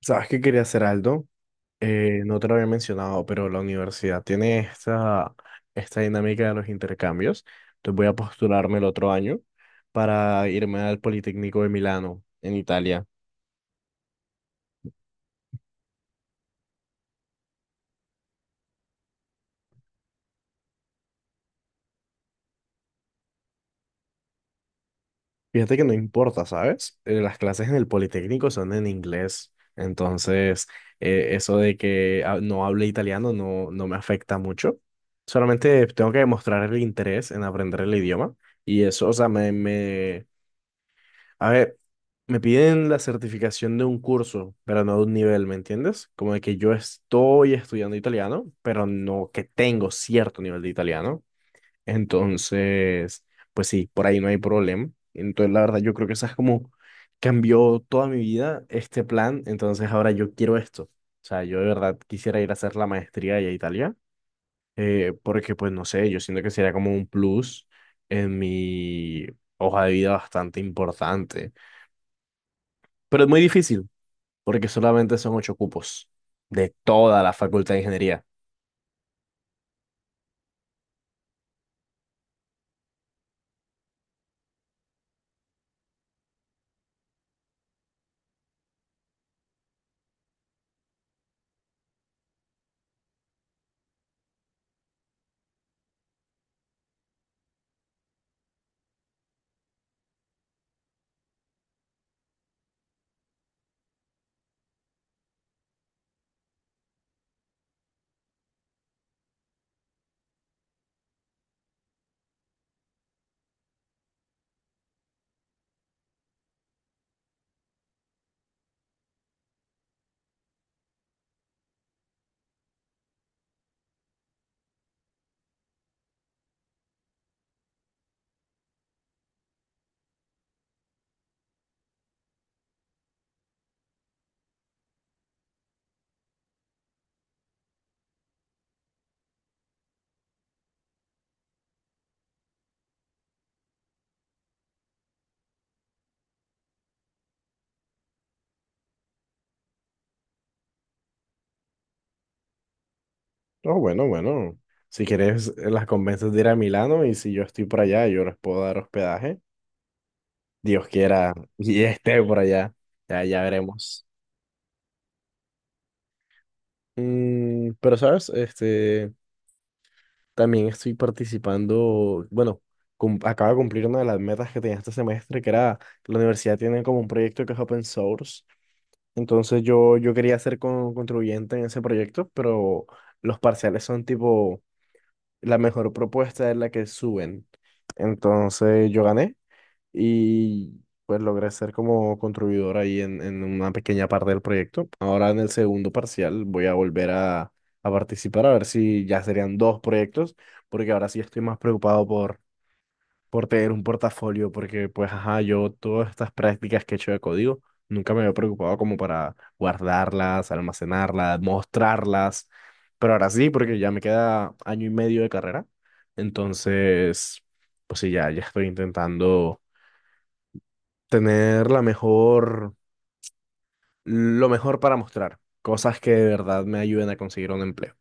¿Sabes qué quería hacer, Aldo? No te lo había mencionado, pero la universidad tiene esta dinámica de los intercambios. Entonces voy a postularme el otro año para irme al Politécnico de Milano, en Italia. Fíjate que no importa, ¿sabes? Las clases en el Politécnico son en inglés. Entonces, eso de que no hable italiano no me afecta mucho. Solamente tengo que demostrar el interés en aprender el idioma. Y eso, o sea, me a ver, me piden la certificación de un curso, pero no de un nivel, ¿me entiendes? Como de que yo estoy estudiando italiano, pero no que tengo cierto nivel de italiano. Entonces, pues sí, por ahí no hay problema. Entonces, la verdad, yo creo que esa es como cambió toda mi vida este plan. Entonces, ahora yo quiero esto. O sea, yo de verdad quisiera ir a hacer la maestría allá a Italia, porque pues no sé, yo siento que sería como un plus en mi hoja de vida bastante importante. Pero es muy difícil, porque solamente son ocho cupos de toda la Facultad de Ingeniería. Oh, bueno, bueno. Si quieres, las convences de ir a Milano y si yo estoy por allá, yo les puedo dar hospedaje. Dios quiera y esté por allá. Ya, ya veremos. Mm, pero, ¿sabes? Este, también estoy participando, bueno, acabo de cumplir una de las metas que tenía este semestre, que era la universidad tiene como un proyecto que es open source. Entonces yo quería ser contribuyente en ese proyecto, pero los parciales son tipo, la mejor propuesta es la que suben. Entonces yo gané y pues logré ser como contribuidor ahí en una pequeña parte del proyecto. Ahora en el segundo parcial voy a volver a participar a ver si ya serían dos proyectos, porque ahora sí estoy más preocupado por tener un portafolio, porque pues, ajá, yo todas estas prácticas que he hecho de código, nunca me había preocupado como para guardarlas, almacenarlas, mostrarlas, pero ahora sí, porque ya me queda año y medio de carrera, entonces, pues sí, ya, ya estoy intentando tener la mejor, lo mejor para mostrar, cosas que de verdad me ayuden a conseguir un empleo.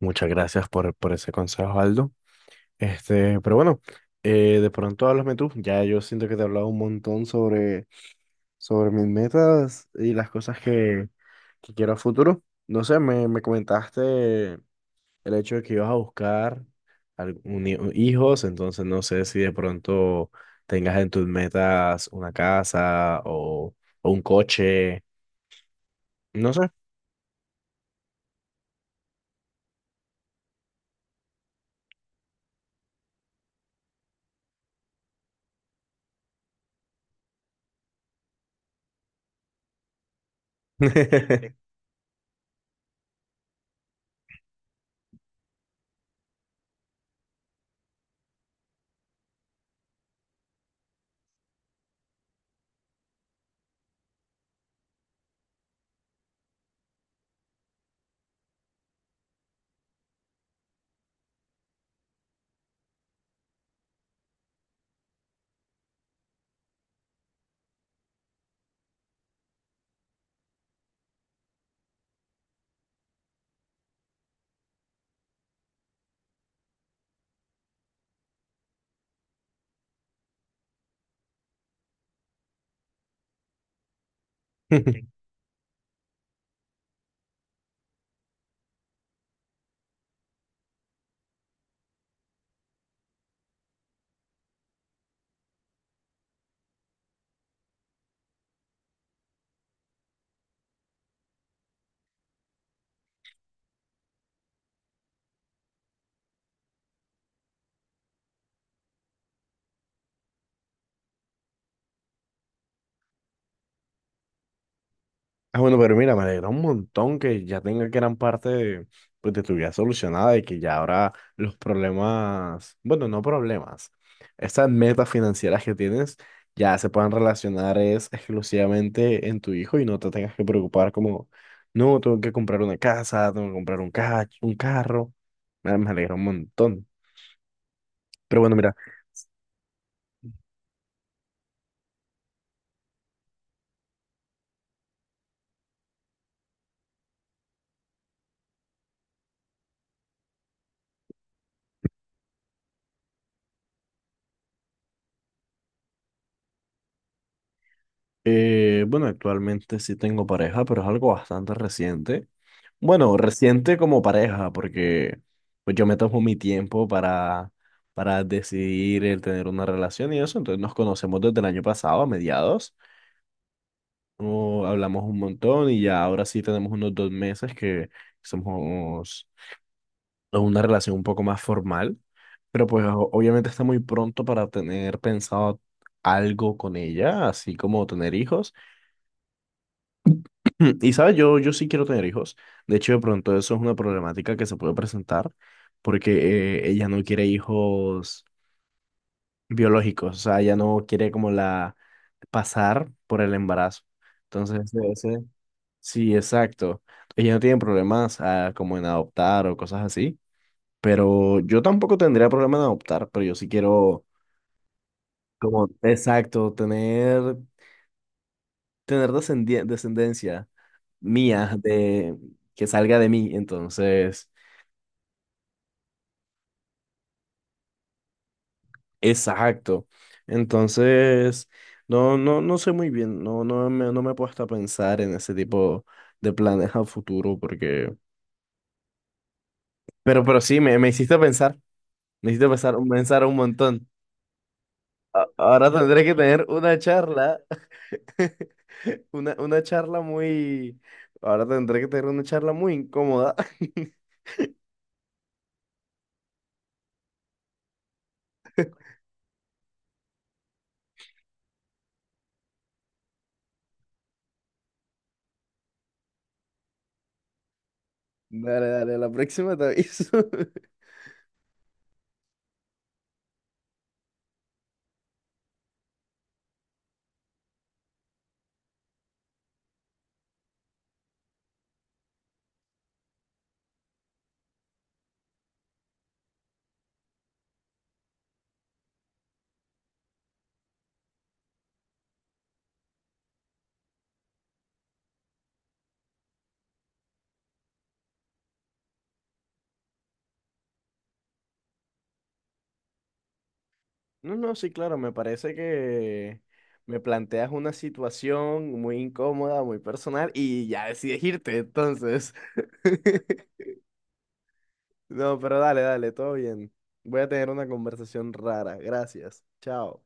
Muchas gracias por ese consejo, Aldo. Este, pero bueno, de pronto háblame tú. Ya yo siento que te he hablado un montón sobre mis metas y las cosas que quiero a futuro. No sé, me comentaste el hecho de que ibas a buscar algún hijos, entonces no sé si de pronto tengas en tus metas una casa o un coche, no sé. Ah, bueno, pero mira, me alegra un montón que ya tenga gran parte de, pues, de tu vida solucionada y que ya ahora los problemas, bueno, no problemas, estas metas financieras que tienes ya se puedan relacionar es exclusivamente en tu hijo y no te tengas que preocupar como, no, tengo que comprar una casa, tengo que comprar un un carro. Me alegra un montón. Pero bueno, mira. Bueno, actualmente sí tengo pareja, pero es algo bastante reciente. Bueno, reciente como pareja, porque pues yo me tomo mi tiempo para decidir el tener una relación y eso. Entonces nos conocemos desde el año pasado, a mediados. No, hablamos un montón y ya ahora sí tenemos unos dos meses que somos en una relación un poco más formal. Pero pues obviamente está muy pronto para tener pensado algo con ella, así como tener hijos. Mm, y sabes, yo sí quiero tener hijos. De hecho, de pronto eso es una problemática que se puede presentar porque ella no quiere hijos biológicos, o sea, ella no quiere como la pasar por el embarazo. Entonces, ese- sí, exacto. Ella no tiene problemas como en adoptar o cosas así, pero yo tampoco tendría problema en adoptar, pero yo sí quiero como, exacto, tener, tener descendencia mía de que salga de mí, entonces exacto. Entonces, no, no, no sé muy bien, no, no me he puesto a pensar en ese tipo de planes a futuro porque, pero sí, me hiciste pensar, me hiciste pensar un montón. Ahora tendré que tener una charla, una charla muy, ahora tendré que tener una charla muy incómoda. Dale, dale, a la próxima te aviso. No, no, sí, claro, me parece que me planteas una situación muy incómoda, muy personal y ya decides irte, entonces. No, pero dale, dale, todo bien. Voy a tener una conversación rara. Gracias. Chao.